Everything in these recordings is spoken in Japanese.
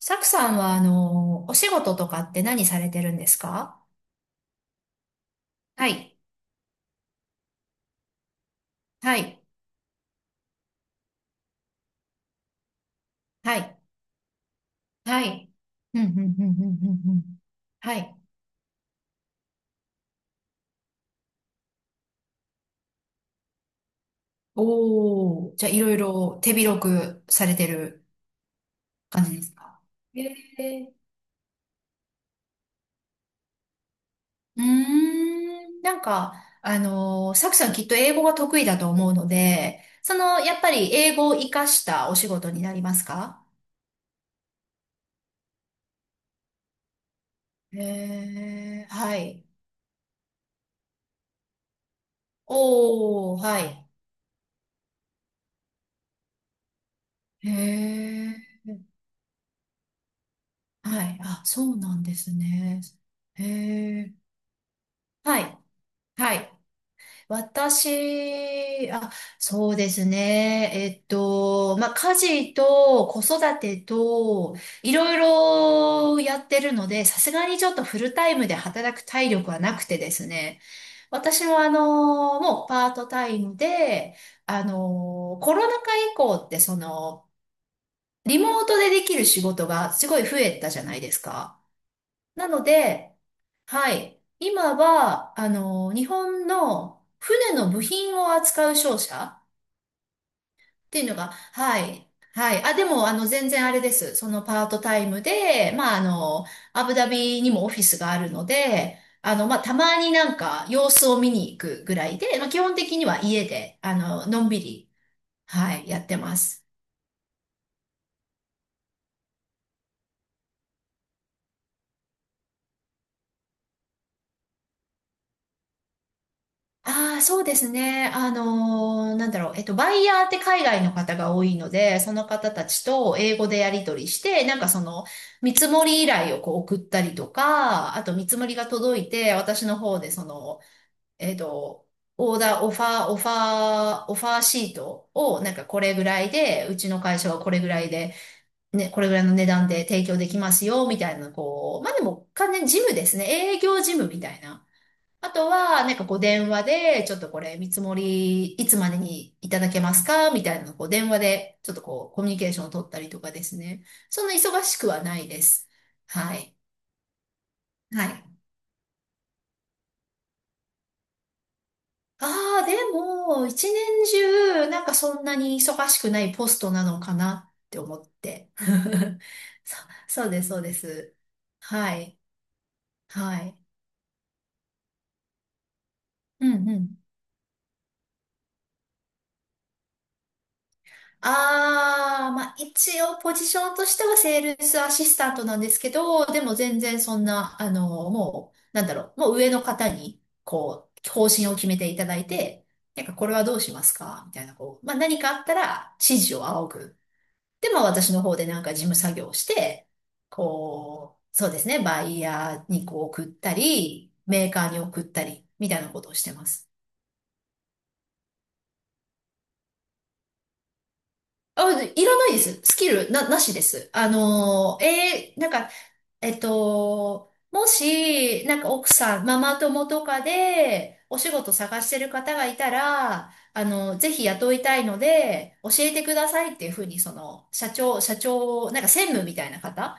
サクさんは、お仕事とかって何されてるんですか？はい、はい、はい。はい、うん、うん、うん、うん、うんうん。はい。おー、じゃあ、いろいろ手広くされてる感じですか？えーうーん、なんか、サクさんきっと英語が得意だと思うので、その、やっぱり英語を活かしたお仕事になりますか？へー、はい。おー、はい。へー。はい。あ、そうなんですね。へえ。はい。はい。私、あ、そうですね。まあ、家事と子育てと、いろいろやってるので、さすがにちょっとフルタイムで働く体力はなくてですね。私ももうパートタイムで、コロナ禍以降ってリモートでできる仕事がすごい増えたじゃないですか。なので、はい。今は、日本の船の部品を扱う商社っていうのが、はい。はい。あ、でも、全然あれです。そのパートタイムで、まあ、アブダビにもオフィスがあるので、まあ、たまになんか様子を見に行くぐらいで、まあ、基本的には家で、のんびり、はい、やってます。ああ、そうですね。なんだろう。バイヤーって海外の方が多いので、その方たちと英語でやり取りして、なんかその、見積もり依頼をこう送ったりとか、あと見積もりが届いて、私の方でその、えっと、オーダー、オファー、オファー、オファーシートを、なんかこれぐらいで、うちの会社はこれぐらいで、ね、これぐらいの値段で提供できますよ、みたいな、こう、まあでも完全に事務ですね。営業事務みたいな。あとは、なんかこう電話で、ちょっとこれ見積もりいつまでにいただけますかみたいなのをこう電話で、ちょっとこうコミュニケーションを取ったりとかですね。そんな忙しくはないです。はい。はい。ああ、でも、一年中、なんかそんなに忙しくないポストなのかなって思って。そ、そうです、そうです。はい。はい。うんうん。ああ、まあ一応ポジションとしてはセールスアシスタントなんですけど、でも全然そんな、もう、なんだろう、もう上の方に、こう、方針を決めていただいて、なんかこれはどうしますかみたいな、こう、まあ何かあったら指示を仰ぐ。で、まあ私の方でなんか事務作業をして、こう、そうですね、バイヤーにこう送ったり、メーカーに送ったり、みたいなことをしてます。あ、いらないです。スキルな、なしです。もし、なんか奥さん、ママ友とかで、お仕事探してる方がいたら、ぜひ雇いたいので、教えてくださいっていうふうに、その、社長、なんか専務みたいな方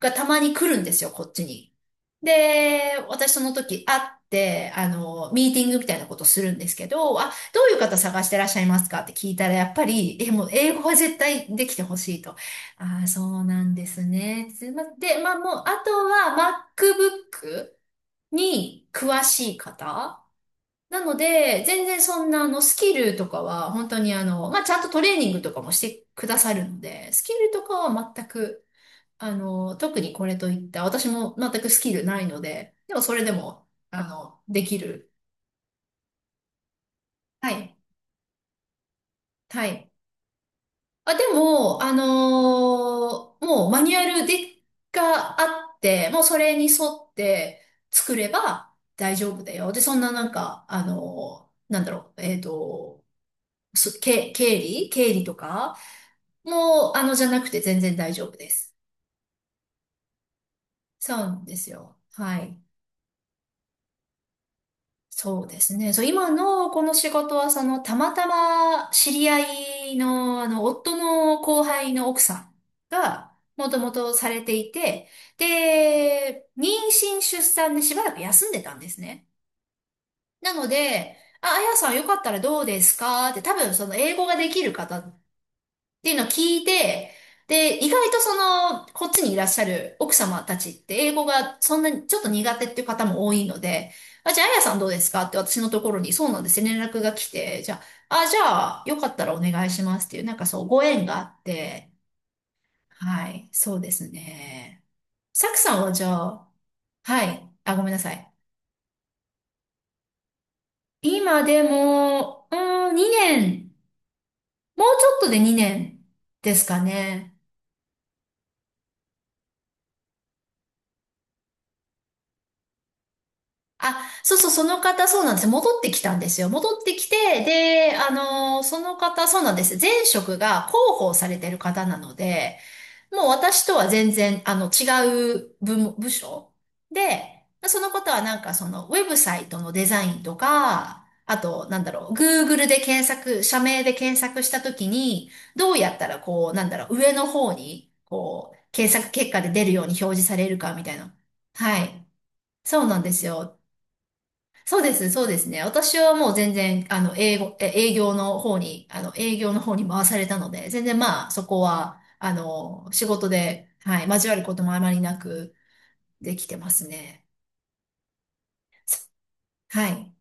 がたまに来るんですよ、こっちに。で、私その時会って、ミーティングみたいなことするんですけど、あ、どういう方探してらっしゃいますかって聞いたら、やっぱり、もう英語は絶対できてほしいと。ああ、そうなんですね。すいませんで、まあもう、あとは MacBook に詳しい方。なので、全然そんなスキルとかは、本当にまあちゃんとトレーニングとかもしてくださるので、スキルとかは全く、特にこれといった、私も全くスキルないので、でもそれでも、できる。はい。はい。あ、でも、もうマニュアルで、があって、もうそれに沿って作れば大丈夫だよ。で、そんななんか、なんだろう、経理とかもう、じゃなくて全然大丈夫です。そうなんですよ。はい。そうですね。そう、今のこの仕事は、その、たまたま知り合いの、夫の後輩の奥さんが、もともとされていて、で、妊娠出産でしばらく休んでたんですね。なので、あ、あやさんよかったらどうですかって多分その英語ができる方っていうのを聞いて、で、意外とその、こっちにいらっしゃる奥様たちって英語がそんなにちょっと苦手っていう方も多いので、あ、じゃあ、あやさんどうですかって私のところに、そうなんですね連絡が来て、じゃあ、よかったらお願いしますっていう、なんかそう、ご縁があって、はい、そうですね。サクさんはじゃあ、はい、あ、ごめんなさい。今でも、うーん、2年、もうちょっとで2年ですかね。あ、そうそう、その方、そうなんです。戻ってきたんですよ。戻ってきて、で、その方、そうなんです。前職が広報されてる方なので、もう私とは全然、違う部門、部署で、その方はなんかその、ウェブサイトのデザインとか、あと、なんだろう、Google で検索、社名で検索したときに、どうやったらこう、なんだろう、上の方に、こう、検索結果で出るように表示されるかみたいな。はい。そうなんですよ。そうですね、そうですね。私はもう全然、あの、英語、え営業の方に、あの、営業の方に回されたので、全然まあ、そこは、仕事で、はい、交わることもあまりなくできてますね。はい。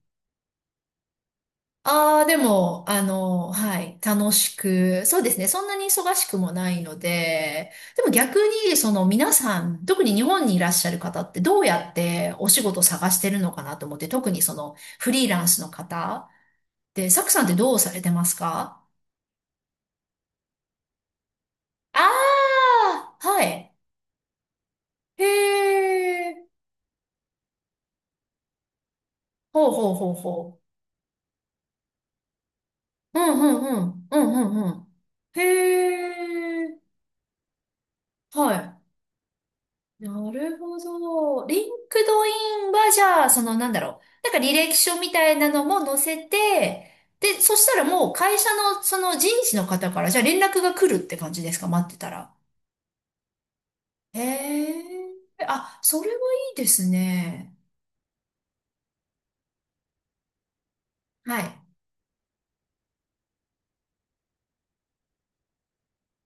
ああ、でも、はい、楽しく、そうですね。そんなに忙しくもないので、でも逆に、その皆さん、特に日本にいらっしゃる方ってどうやってお仕事探してるのかなと思って、特にそのフリーランスの方で、サクさんってどうされてますか？ああ、はい。へえ。ほうほうほうほう。うんうんうん。うんうんうん。へえ。はい。なるほど。リンクドインはじゃあ、そのなんだろう。なんか履歴書みたいなのも載せて、で、そしたらもう会社のその人事の方からじゃあ連絡が来るって感じですか、待ってたら？へえ。あ、それはいいですね。はい。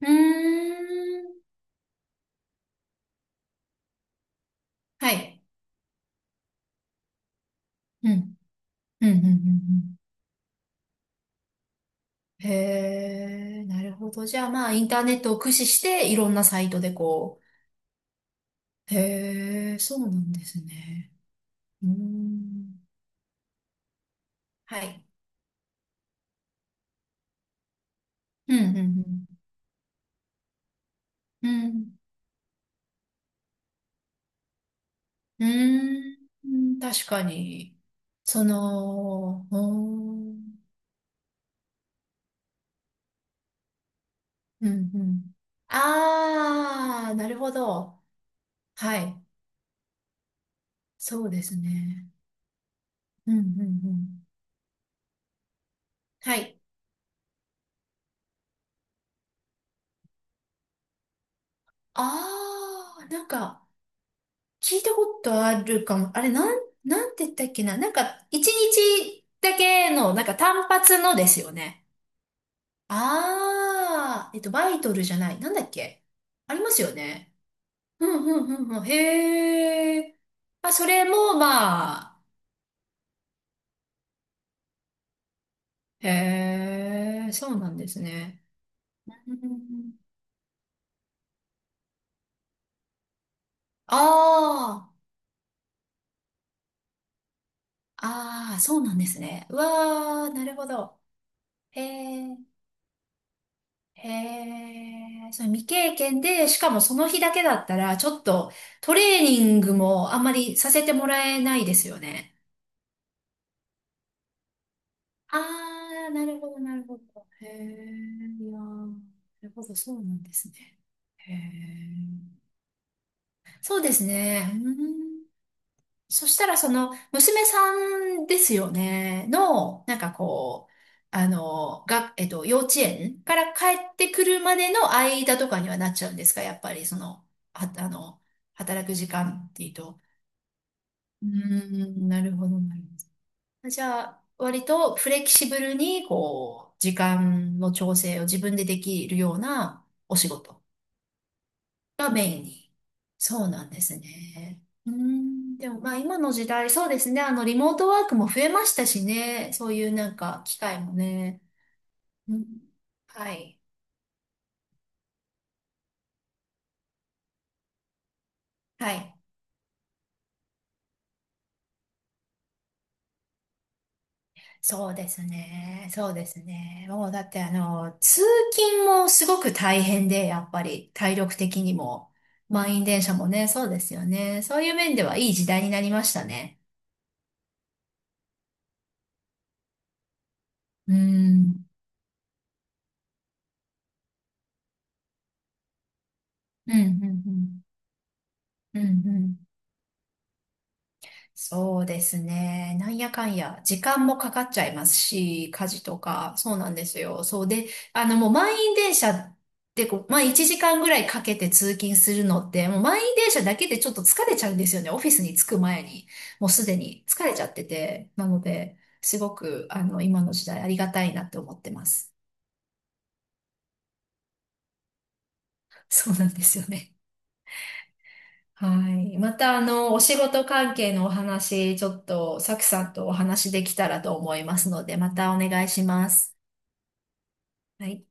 うーん。はい。うん。うん、うん、うん、うんへえ、なるほど。じゃあまあ、インターネットを駆使して、いろんなサイトでこう。へえ、そうなんですね。うーん。はい。うん、うん、うん。うん、うーん、確かに。その、うーん、うん、うん。ああ、なるほど。はい。そうですね。うん、うん、うん。はい。ああ、なんか、聞いたことあるかも。あれ、なんて言ったっけな。なんか、一日だけの、なんか単発のですよね。あー、バイトルじゃない。なんだっけ？ありますよね。うんうんうんうん。へー。あ、それも、まあ、へー、そうなんですね。うんあー、あー、そうなんですね。うわー、なるほど。へー。へえ、それ未経験で、しかもその日だけだったら、ちょっとトレーニングもあんまりさせてもらえないですよね。ああ、なるほど、なるほど。へえ、いやー、なるほど、そうなんですね。へえ、そうですね。うーん、そしたら、その、娘さんですよね、の、なんかこう、が、幼稚園から帰ってくるまでの間とかにはなっちゃうんですか、やっぱり、その、は、働く時間っていうと。うーん、なるほど、なるほど。じゃあ、割とフレキシブルに、こう、時間の調整を自分でできるようなお仕事。がメインに。そうなんですね。うん、でもまあ今の時代、そうですね。リモートワークも増えましたしね。そういうなんか機会もね。うん、はい。はい。そうですね。そうですね。もうだって通勤もすごく大変で、やっぱり体力的にも。満員電車もね、そうですよね。そういう面ではいい時代になりましたね。うん。うん、うん、うん。うん、うん。そうですね。なんやかんや、時間もかかっちゃいますし、家事とか、そうなんですよ。そうで、もう満員電車ってこう、まあ1時間ぐらいかけて通勤するのって、もう満員電車だけでちょっと疲れちゃうんですよね。オフィスに着く前に。もうすでに疲れちゃってて。なので、すごく、今の時代ありがたいなって思ってます。そうなんですよね。はい。また、お仕事関係のお話、ちょっと、サクさんとお話できたらと思いますので、またお願いします。はい。